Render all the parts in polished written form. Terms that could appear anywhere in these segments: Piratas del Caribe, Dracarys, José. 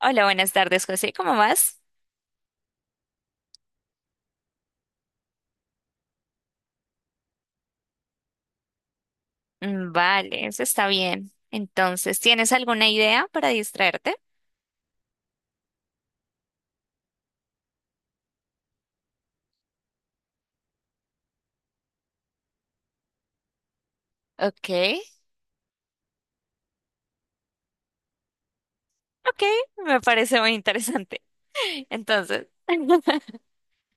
Hola, buenas tardes, José. ¿Cómo vas? Vale, eso está bien. Entonces, ¿tienes alguna idea para distraerte? Ok, ok, me parece muy interesante. Entonces,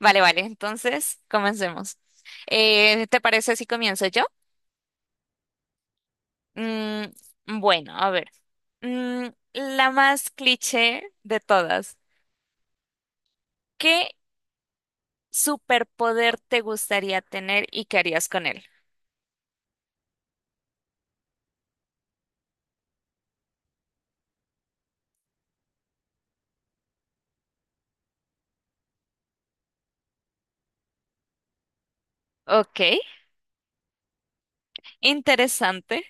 vale, vale, entonces comencemos. ¿Te parece si comienzo yo? Bueno, a ver, mm, la más cliché de todas. ¿Qué superpoder te gustaría tener y qué harías con él? Ok, interesante,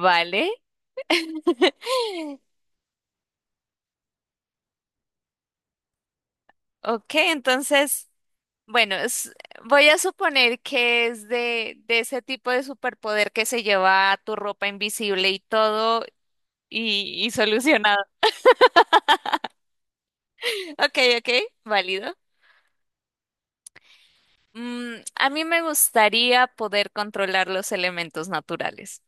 vale. Ok, entonces, bueno, voy a suponer que es de ese tipo de superpoder que se lleva tu ropa invisible y todo y solucionado. Ok, ok, válido. Mm, a mí me gustaría poder controlar los elementos naturales.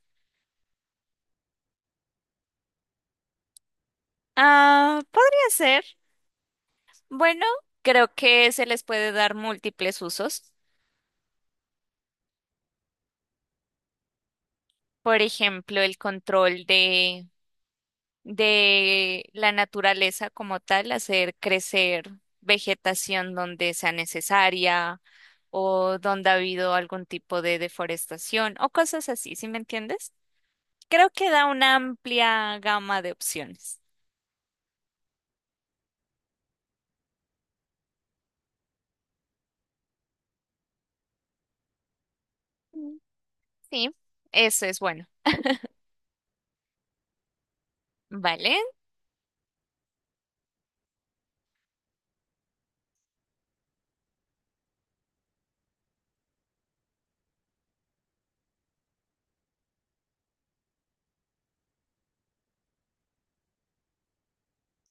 Ah, podría ser. Bueno, creo que se les puede dar múltiples usos. Por ejemplo, el control de la naturaleza como tal, hacer crecer vegetación donde sea necesaria o donde ha habido algún tipo de deforestación o cosas así, ¿sí me entiendes? Creo que da una amplia gama de opciones. Mm. Sí, eso es bueno. Vale,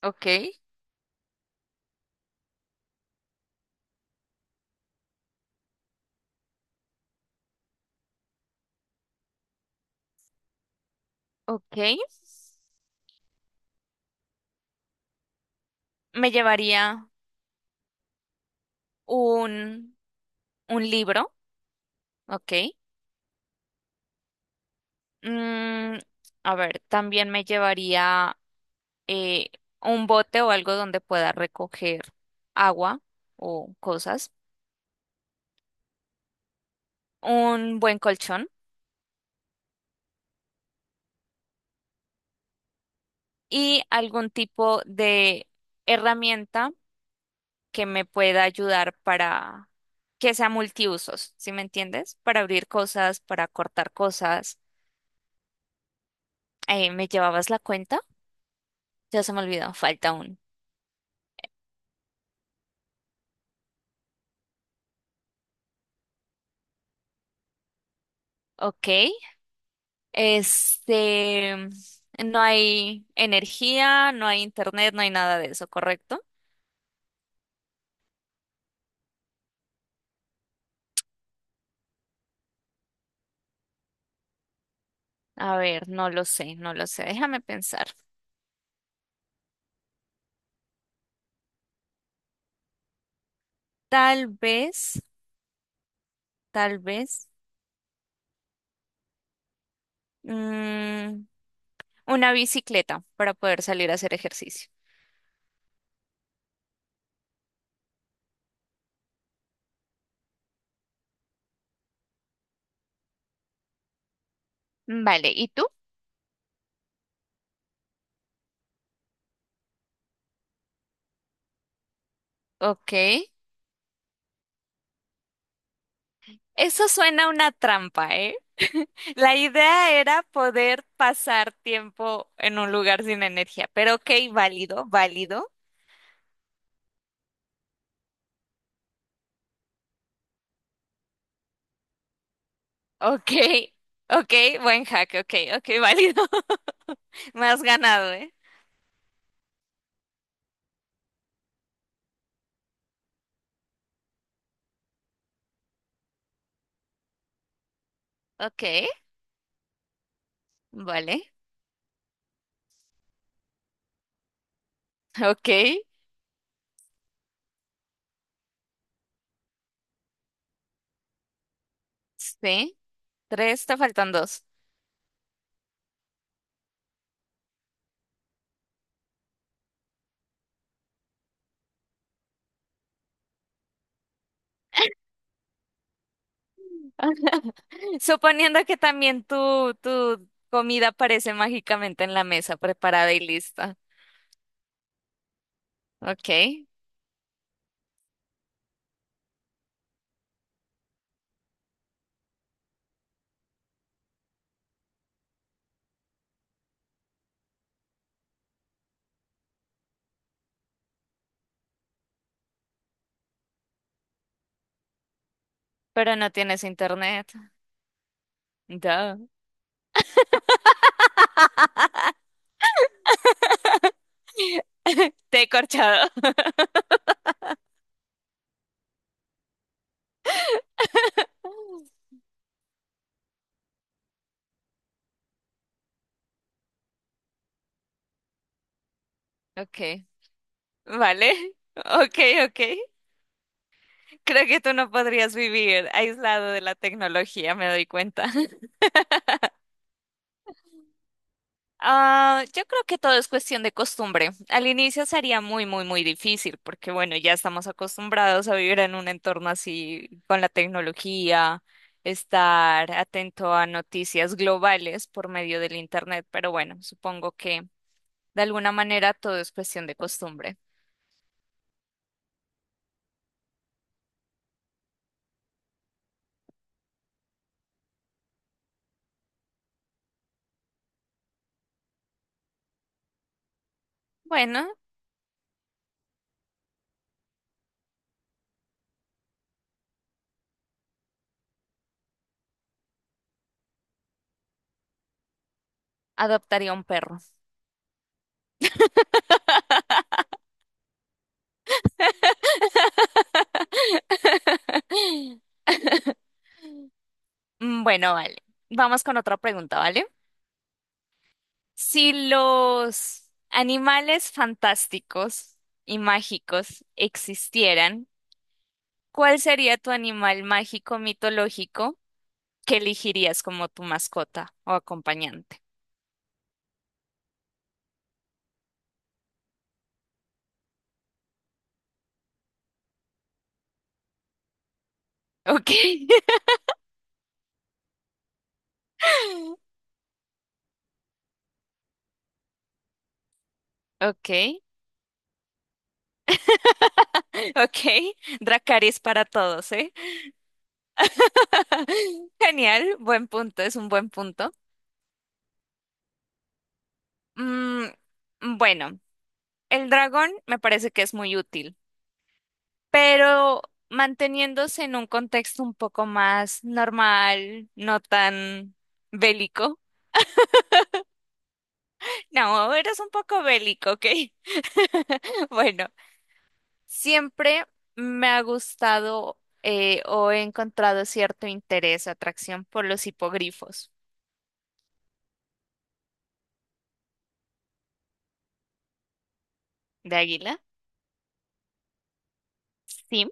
ok, ok. Me llevaría un, un libro, ok. Mm, a ver, también me llevaría eh, un bote o algo donde pueda recoger agua o cosas, un buen colchón y algún tipo de herramienta que me pueda ayudar para que sea multiusos, ¿sí me entiendes? Para abrir cosas, para cortar cosas. ¿Me llevabas la cuenta? Ya se me olvidó, falta un. Ok, este, no hay energía, no hay internet, no hay nada de eso, ¿correcto? A ver, no lo sé, no lo sé. Déjame pensar. Tal vez, tal vez, mm, una bicicleta para poder salir a hacer ejercicio. Vale, ¿y tú? Ok. Eso suena a una trampa, ¿eh? La idea era poder pasar tiempo en un lugar sin energía, pero ok, válido, válido. Ok, ok, buen hack, ok, ok, válido. Me has ganado, ¿eh? Ok, vale, ok, sí. Tres, te faltan dos. Suponiendo que también tu comida aparece mágicamente en la mesa, preparada y lista. Ok, pero no tienes internet. Duh. Te he corchado. Ok, vale. Ok, ok. Creo que tú no podrías vivir aislado de la tecnología, me doy cuenta. Ah, yo creo que todo es cuestión de costumbre. Al inicio sería muy, muy, muy difícil porque, bueno, ya estamos acostumbrados a vivir en un entorno así con la tecnología, estar atento a noticias globales por medio del Internet, pero bueno, supongo que de alguna manera todo es cuestión de costumbre. Bueno, adoptaría un perro. Bueno, vale. Vamos con otra pregunta, ¿vale? Si los animales fantásticos y mágicos existieran, ¿cuál sería tu animal mágico mitológico que elegirías como tu mascota o acompañante? Ok, ok, ok. Dracarys para todos, ¿eh? Genial, buen punto, es un buen punto. Mm, bueno, el dragón me parece que es muy útil. Pero manteniéndose en un contexto un poco más normal, no tan bélico. No, eres un poco bélico, ¿ok? Bueno, siempre me ha gustado o he encontrado cierto interés, atracción por los hipogrifos de águila. Sí,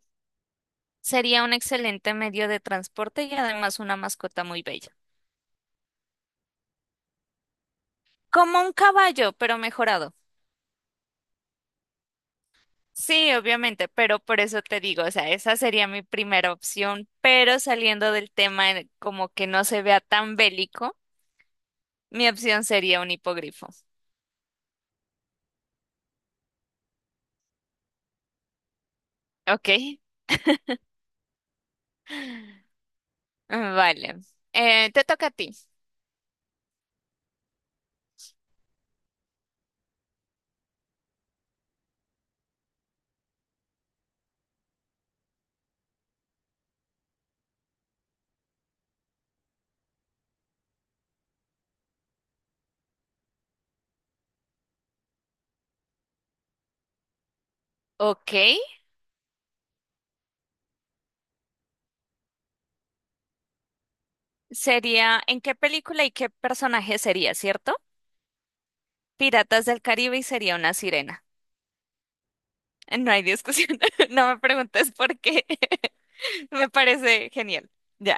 sería un excelente medio de transporte y además una mascota muy bella. Como un caballo, pero mejorado. Sí, obviamente, pero por eso te digo, o sea, esa sería mi primera opción, pero saliendo del tema como que no se vea tan bélico, mi opción sería un hipogrifo. ¿Ok? Vale. Te toca a ti. Ok. Sería, ¿en qué película y qué personaje sería, cierto? Piratas del Caribe y sería una sirena. No hay discusión. No me preguntes por qué. Me parece genial. Ya.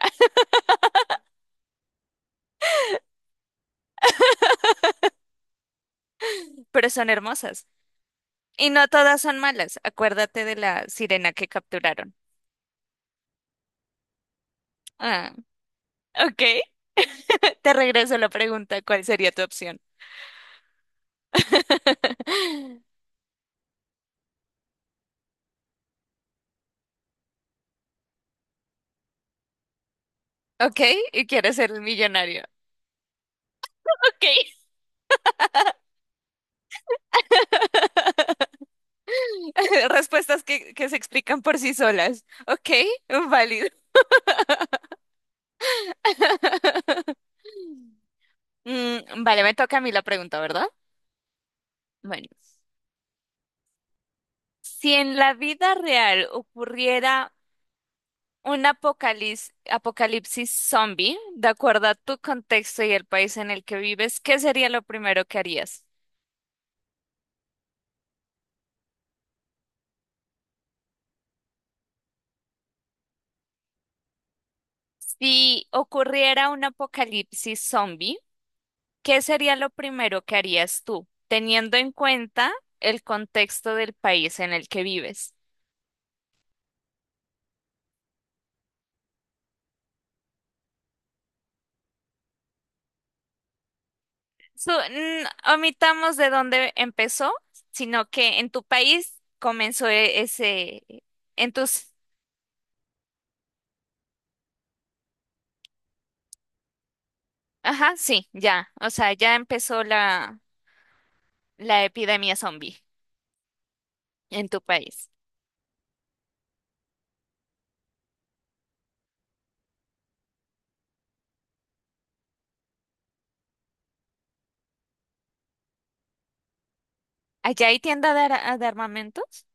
Pero son hermosas. Y no todas son malas. Acuérdate de la sirena que capturaron. Ah, ok. Te regreso la pregunta, ¿cuál sería tu opción? Ok, y quieres ser el millonario. Ok. Respuestas que se explican por sí solas. Ok, válido. Vale, me toca a mí la pregunta, ¿verdad? Bueno, si en la vida real ocurriera un apocalipsis, apocalipsis zombie, de acuerdo a tu contexto y el país en el que vives, ¿qué sería lo primero que harías? Si ocurriera un apocalipsis zombie, ¿qué sería lo primero que harías tú, teniendo en cuenta el contexto del país en el que vives? Su- n- omitamos de dónde empezó, sino que en tu país comenzó ese, en tus, ajá, sí, ya, o sea, ya empezó la epidemia zombie en tu país. ¿Allá hay tienda de, de armamentos?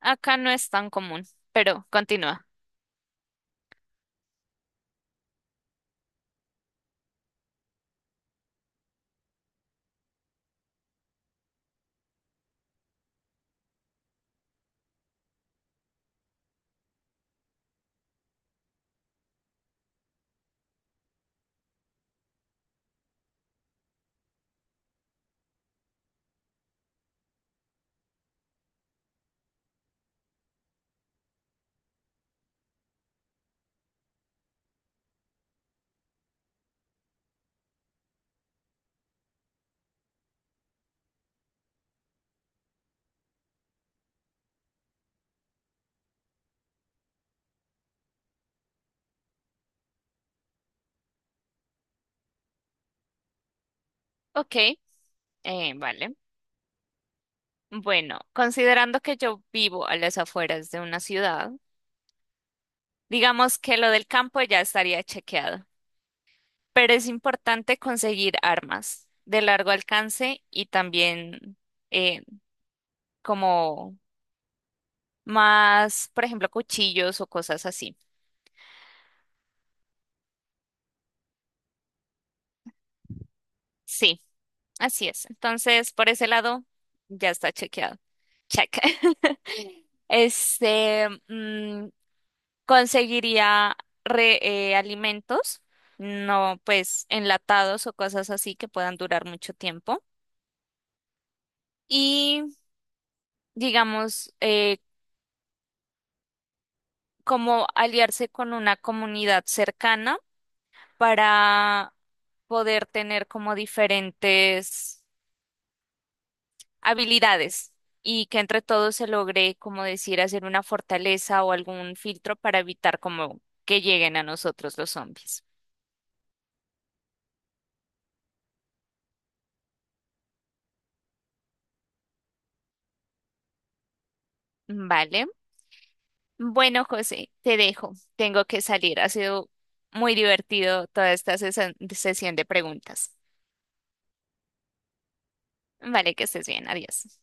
Acá no es tan común, pero continúa. Ok, vale. Bueno, considerando que yo vivo a las afueras de una ciudad, digamos que lo del campo ya estaría chequeado, pero es importante conseguir armas de largo alcance y también eh, como más, por ejemplo, cuchillos o cosas así. Sí, así es. Entonces, por ese lado, ya está chequeado. Check. Este, conseguiría re- alimentos, no pues enlatados o cosas así que puedan durar mucho tiempo. Y digamos, como aliarse con una comunidad cercana para poder tener como diferentes habilidades y que entre todos se logre, como decir, hacer una fortaleza o algún filtro para evitar como que lleguen a nosotros los zombies. Vale. Bueno, José, te dejo. Tengo que salir. Ha sido muy divertido toda esta sesión de preguntas. Vale, que estés bien. Adiós.